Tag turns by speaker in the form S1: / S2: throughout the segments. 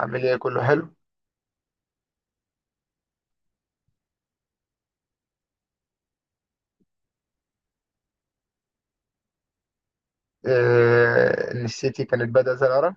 S1: عامل ايه؟ كله حلو. ان السيتي كانت بادئه زي العرب.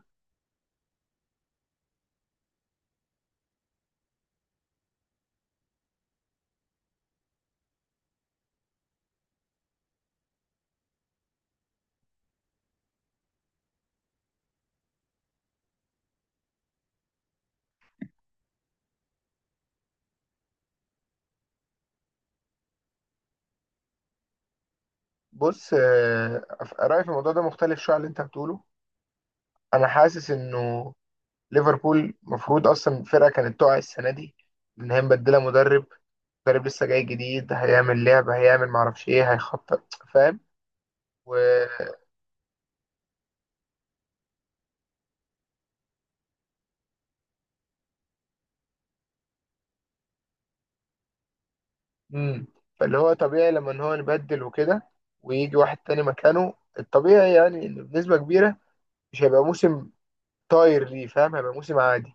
S1: بص، رايي في الموضوع ده مختلف شويه عن اللي انت بتقوله. انا حاسس انه ليفربول المفروض اصلا فرقه كانت تقع السنه دي، ان هي مبدله مدرب. مدرب لسه جاي جديد، هيعمل لعبه، هيعمل معرفش ايه، هيخطط، فاهم؟ و مم. فاللي هو طبيعي لما ان هو نبدل وكده، ويجي واحد تاني مكانه، الطبيعي يعني انه بنسبه كبيره مش هيبقى موسم طاير ليه، فاهم؟ هيبقى موسم عادي.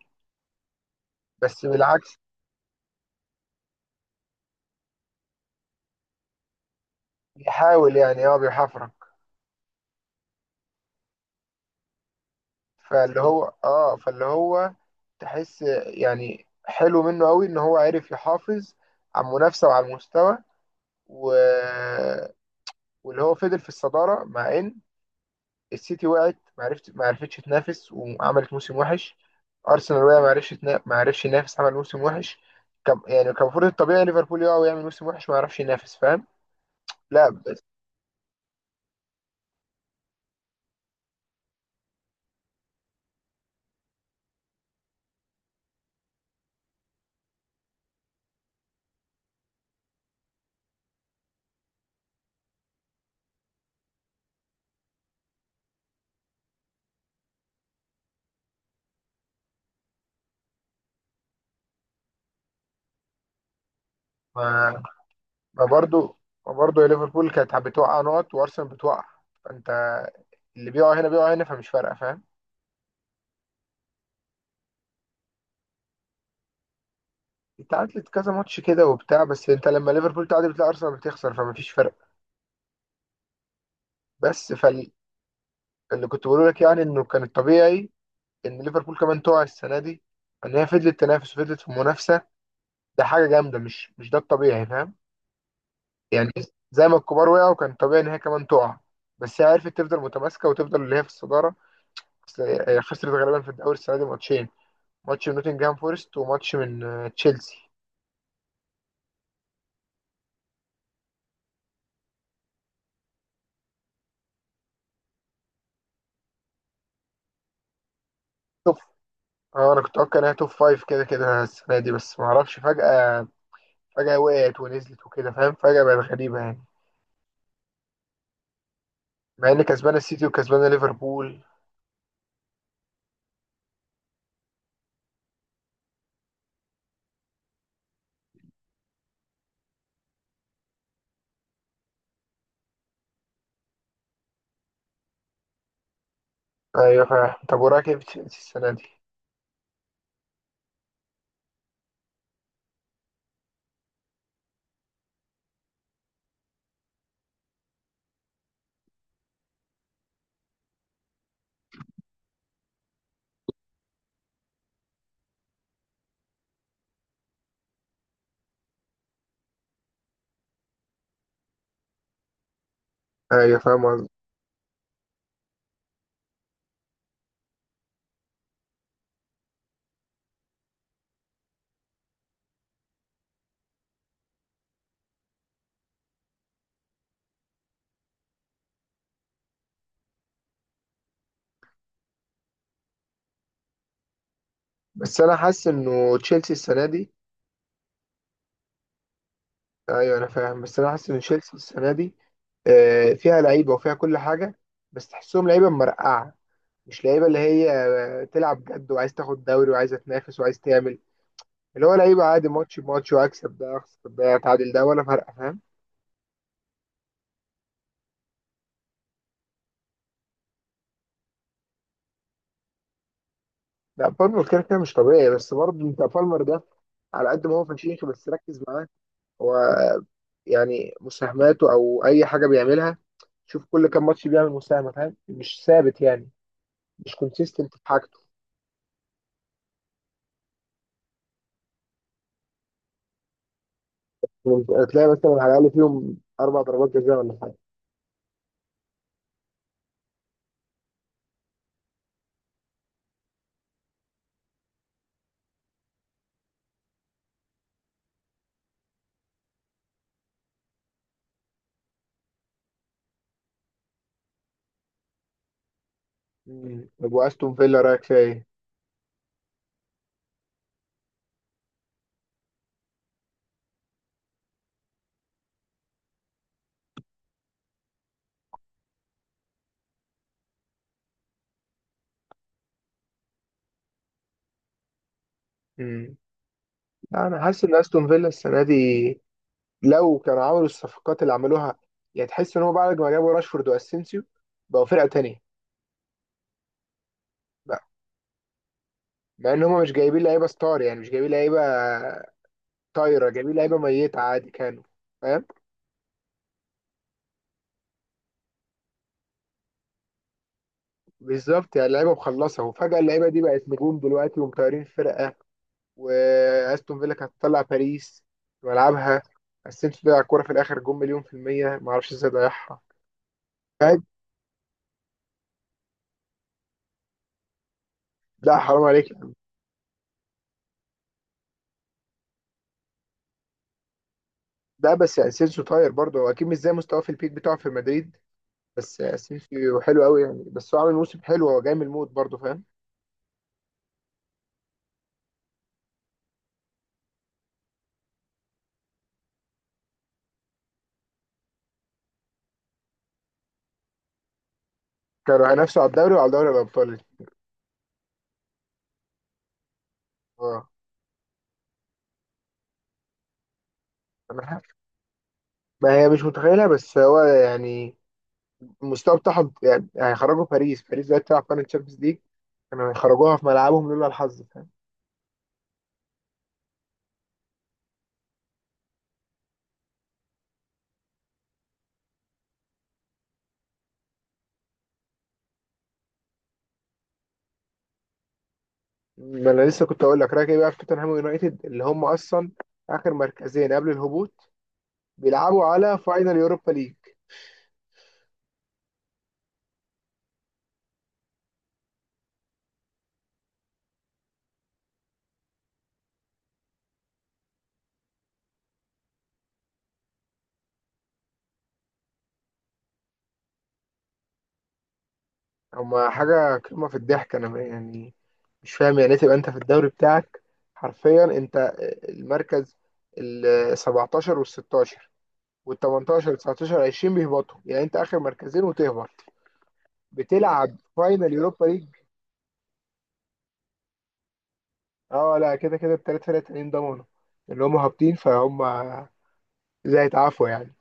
S1: بس بالعكس، بيحاول يعني، اه بيحفرك. فاللي هو اه، فاللي هو تحس يعني حلو منه قوي ان هو عرف يحافظ على المنافسه وعلى المستوى و... واللي هو فضل في الصداره، مع ان السيتي وقعت ما عرفتش تنافس وعملت موسم وحش. ارسنال وقع ما عرفش ينافس، عمل موسم وحش. يعني كان المفروض الطبيعي ليفربول يقع ويعمل موسم وحش ما يعرفش ينافس، فاهم؟ لا بس، ما ما برضو ما برضو يا ليفربول كانت بتوقع نقط، وارسنال بتوقع. فانت اللي بيقع هنا بيقع هنا، فمش فارقه، فاهم؟ اتعادلت كذا ماتش كده وبتاع، بس انت لما ليفربول تعادل بتلاقي ارسنال بتخسر، فمفيش فرق. بس فاللي كنت بقوله لك، يعني انه كان الطبيعي ان ليفربول كمان تقع السنه دي، ان هي فضلت تنافس وفضلت في المنافسه. ده حاجه جامده، مش ده الطبيعي، فاهم؟ يعني زي ما الكبار وقعوا كان طبيعي ان هي كمان تقع. بس هي عرفت تفضل متماسكه وتفضل اللي هي في الصداره. بس هي خسرت غالبا في الدوري السنه دي ماتشين: ماتش من نوتنجهام فورست، وماتش من تشيلسي. توب اه انا كنت اتوقع انها توب فايف كده كده السنه دي، بس ما اعرفش. فجاه وقعت ونزلت وكده، فاهم؟ فجاه بقت غريبه يعني، مع ان كسبانه السيتي وكسبانه ليفربول. ايوه فاهم. طب وراك ايه في تشيلسي السنه دي؟ ايوه فاهم قصدي. بس انا حاسس انه تشيلسي السنه دي، ايوه انا فاهم، بس انا حاسس ان تشيلسي السنه دي فيها لعيبه وفيها كل حاجه. بس تحسهم لعيبه مرقعه، مش لعيبه اللي هي تلعب جد وعايز تاخد دوري وعايزه تنافس وعايز تعمل. اللي هو لعيب عادي، ماتش بماتش، واكسب ده اخسر ده اتعادل ده ولا فارقه، فاهم؟ لا، بالمر كده كده مش طبيعي. بس برضه انت بالمر ده، على قد ما هو فشيخ، بس ركز معاه، هو يعني مساهماته او اي حاجه بيعملها، شوف كل كام ماتش بيعمل مساهمه، فاهم؟ مش ثابت يعني، مش كونسيستنت في حاجته. تلاقي مثلا على الاقل فيهم اربع ضربات جزاء ولا حاجه. طب واستون فيلا رايك فيها ايه؟ امم لا، انا حاسس ان استون فيلا السنه دي، لو كانوا عملوا الصفقات اللي عملوها، يعني تحس ان هو بعد ما جابوا راشفورد واسينسيو بقوا فرقه تانية. بقى مع ان هم مش جايبين لعيبه ستار، يعني مش جايبين لعيبه طايره، جايبين لعيبه ميته عادي كانوا، فاهم؟ بالظبط، يعني لعيبه مخلصه، وفجاه اللعيبه دي بقت نجوم دلوقتي ومطيرين فرقه. واستون فيلا كانت تطلع باريس في ملعبها. اسينسيو ضيع الكوره في الاخر، جون مليون في الميه، ما اعرفش ازاي ضيعها، فاهم؟ لا حرام عليك. لا بس يعني اسينسيو طاير برضه، هو اكيد مش زي مستواه في البيك بتاعه في مدريد. بس سيسي حلو قوي يعني، بس هو عامل موسم حلو، هو جاي من الموت برضه، فاهم؟ كانوا هينافسوا على الدوري وعلى دوري الابطال. اه. انا عارف. ما هي مش متخيلها، بس هو يعني المستوى بتاعهم يعني، هيخرجوا باريس. باريس دلوقتي بتلعب فاينل تشامبيونز ليج، كانوا هيخرجوها في ملعبهم لولا الحظ، فاهم؟ ما انا لسه كنت اقول لك رايك ايه بقى في توتنهام ويونايتد، اللي هم اصلا اخر مركزين قبل الهبوط، بيلعبوا على فاينل يوروبا ليج. هما حاجه قمه في الضحك. انا يعني مش فاهم، يعني ايه تبقى انت في الدوري بتاعك حرفيا انت المركز ال 17 وال 16 وال 18 وال 19 20 بيهبطوا، يعني انت اخر مركزين وتهبط بتلعب فاينل يوروبا ليج. اه لا، كده كده الثلاث فرق التانيين ضمنوا اللي هم هابطين، فهم زي هيتعافوا يعني.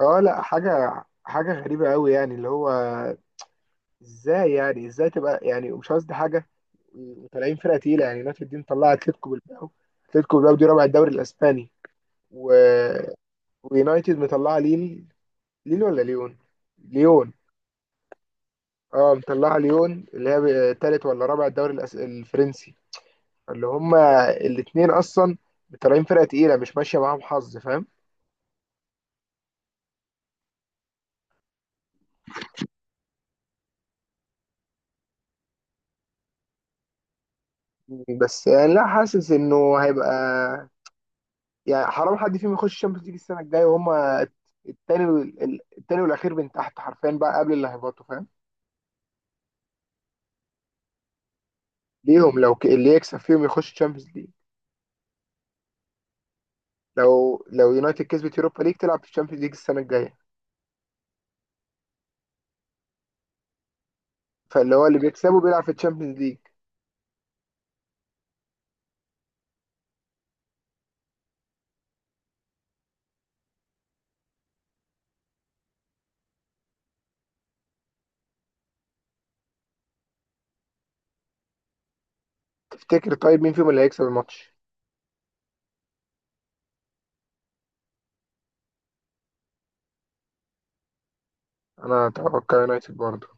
S1: اه لا، حاجه غريبه قوي يعني، اللي هو ازاي يعني، ازاي تبقى يعني، مش قصدي حاجه. وطالعين فرقه تقيله، يعني نادي الدين طلع اتلتيكو بالباو، اتلتيكو بالباو دي رابع الدوري الاسباني، و ويونايتد مطلعه ليل. ليل ولا ليون؟ ليون. اه مطلعه ليون، اللي هي تالت ولا رابع الدوري الفرنسي. اللي هما الاتنين اصلا طالعين فرقه تقيله، مش ماشيه معاهم حظ، فاهم؟ بس يعني لا، حاسس انه هيبقى يعني حرام حد فيهم يخش الشامبيونز ليج السنه الجايه، وهما التاني التاني والاخير من تحت حرفيا، بقى قبل اللي هيبطوا، فاهم؟ ليهم، اللي يكسب فيهم يخش الشامبيونز ليج. لو يونايتد كسبت يوروبا ليج تلعب في الشامبيونز ليج السنه الجايه. فاللي هو اللي بيكسبه بيلعب في الشامبيونز ليج. تفتكر طيب مين فيهم اللي هيكسب الماتش؟ انا اتوقع يونايتد برضه.